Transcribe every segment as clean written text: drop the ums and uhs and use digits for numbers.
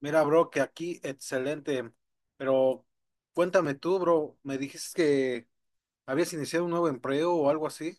Mira, bro, que aquí excelente, pero cuéntame tú, bro, me dijiste que habías iniciado un nuevo empleo o algo así.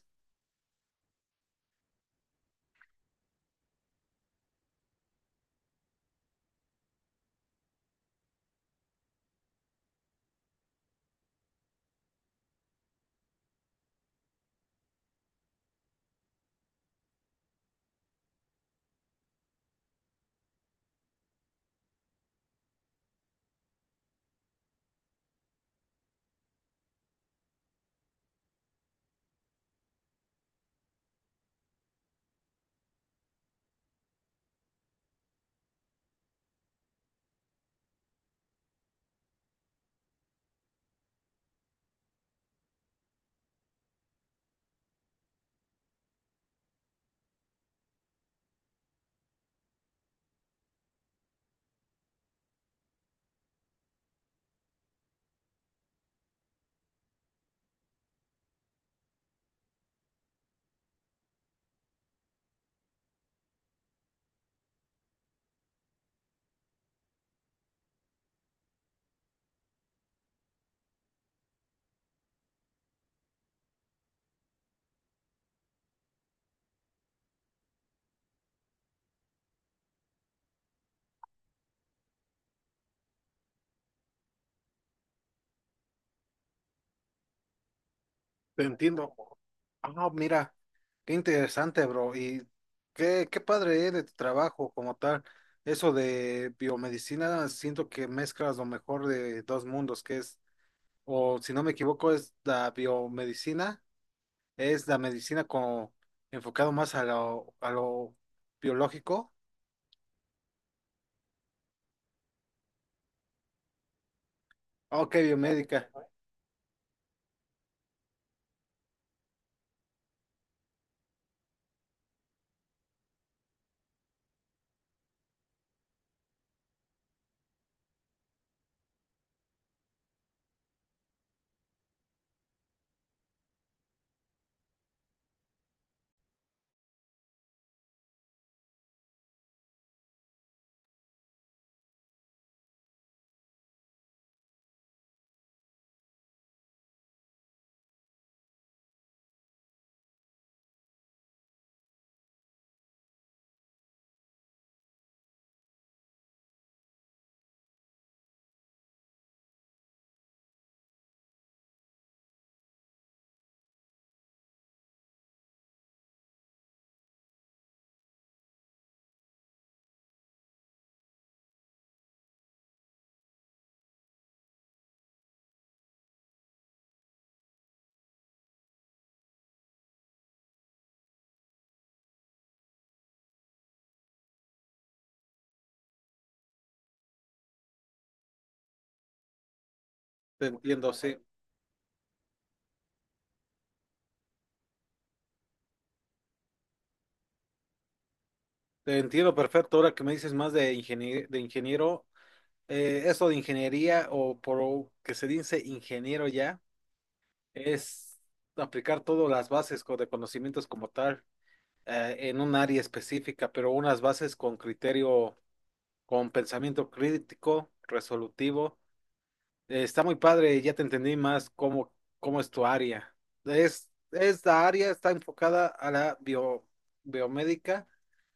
Te entiendo. Ah, mira, qué interesante, bro, y qué padre es de tu trabajo como tal. Eso de biomedicina, siento que mezclas lo mejor de dos mundos, que es, o si no me equivoco, es la biomedicina, es la medicina como enfocado más a a lo biológico. Ah, ok, biomédica. Te entiendo, sí. Te entiendo perfecto. Ahora que me dices más de ingeniero, eso de ingeniería o por lo que se dice ingeniero ya, es aplicar todas las bases de conocimientos como tal en un área específica, pero unas bases con criterio, con pensamiento crítico, resolutivo. Está muy padre, ya te entendí más cómo es tu área. Esta área está enfocada a la biomédica.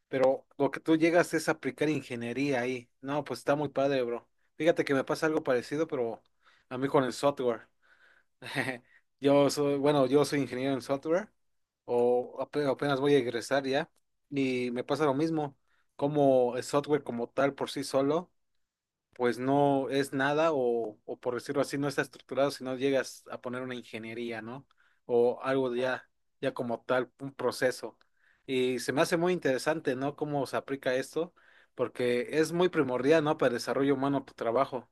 Pero lo que tú llegas es aplicar ingeniería ahí. No, pues está muy padre, bro. Fíjate que me pasa algo parecido, pero a mí con el software. Yo soy, bueno, yo soy ingeniero en software, o apenas voy a egresar ya, y me pasa lo mismo, como el software como tal por sí solo pues no es nada o por decirlo así, no está estructurado si no llegas a poner una ingeniería, ¿no? O algo de ya, ya como tal, un proceso. Y se me hace muy interesante, ¿no? Cómo se aplica esto, porque es muy primordial, ¿no? Para el desarrollo humano tu trabajo.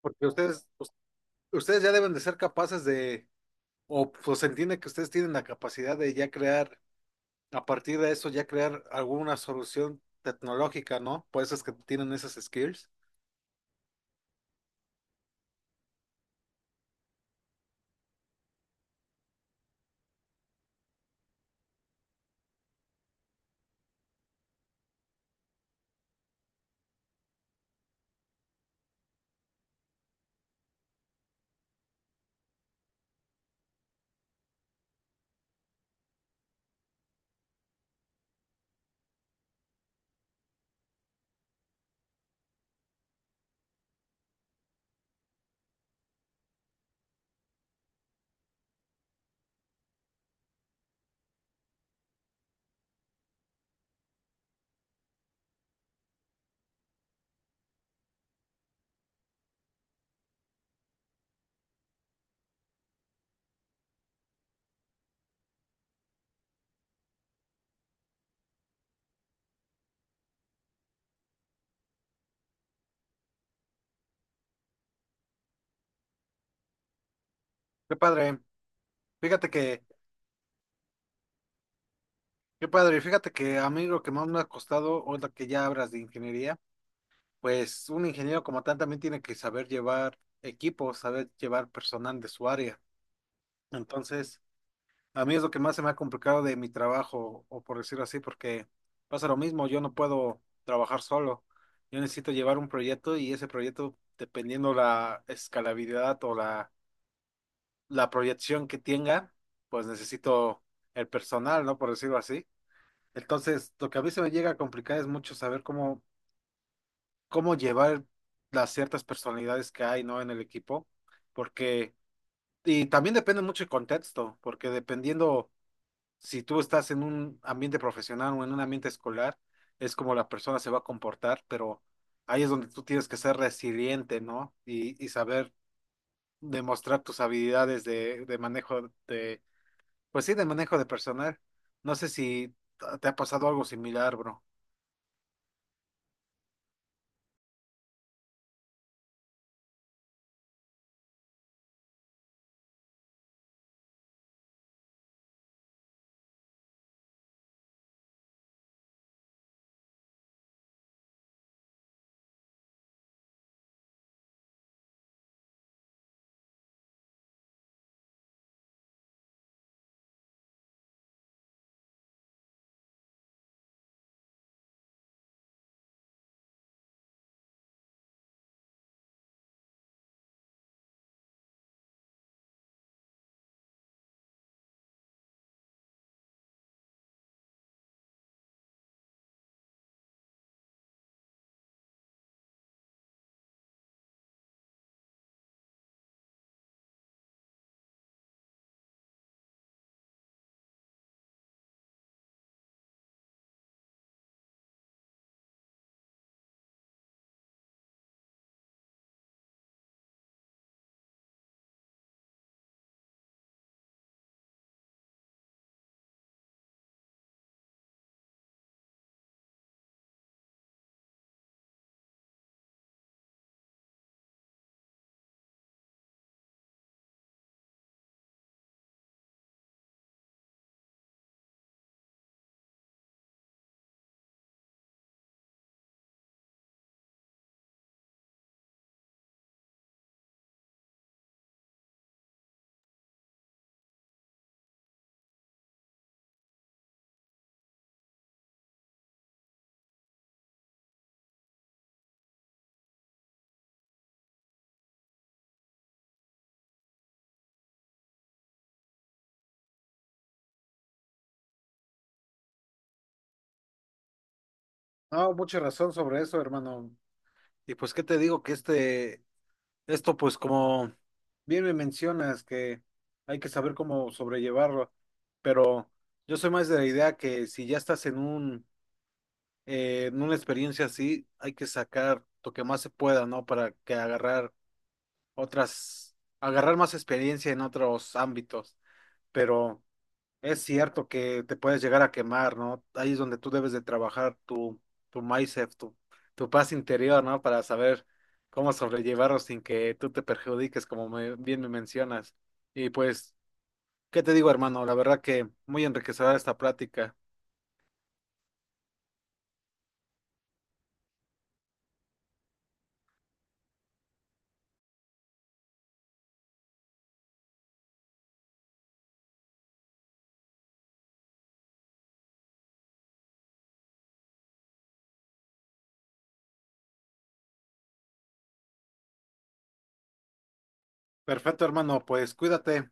Porque ustedes, ustedes ya deben de ser capaces de, o pues se entiende que ustedes tienen la capacidad de ya crear, a partir de eso, ya crear alguna solución tecnológica, ¿no? Por eso es que tienen esas skills. Qué padre. Fíjate que Qué padre, fíjate que a mí lo que más me ha costado, ahora que ya hablas de ingeniería, pues un ingeniero como tal también tiene que saber llevar equipos, saber llevar personal de su área. Entonces, a mí es lo que más se me ha complicado de mi trabajo, o por decirlo así, porque pasa lo mismo, yo no puedo trabajar solo. Yo necesito llevar un proyecto y ese proyecto, dependiendo la escalabilidad o la proyección que tenga, pues necesito el personal, ¿no? Por decirlo así. Entonces, lo que a mí se me llega a complicar es mucho saber cómo llevar las ciertas personalidades que hay, ¿no? En el equipo, porque, y también depende mucho el contexto, porque dependiendo si tú estás en un ambiente profesional o en un ambiente escolar, es como la persona se va a comportar, pero ahí es donde tú tienes que ser resiliente, ¿no? Y saber demostrar tus habilidades de manejo pues sí, de manejo de personal. No sé si te ha pasado algo similar, bro. No, mucha razón sobre eso, hermano. Y pues, ¿qué te digo? Que esto, pues, como bien me mencionas, que hay que saber cómo sobrellevarlo, pero yo soy más de la idea que si ya estás en un, en una experiencia así, hay que sacar lo que más se pueda, ¿no? Para que agarrar otras, agarrar más experiencia en otros ámbitos. Pero es cierto que te puedes llegar a quemar, ¿no? Ahí es donde tú debes de trabajar tu mindset, tu paz interior, ¿no? Para saber cómo sobrellevarlo sin que tú te perjudiques, como bien me mencionas. Y pues, ¿qué te digo, hermano? La verdad que muy enriquecedora esta plática. Perfecto, hermano, pues cuídate.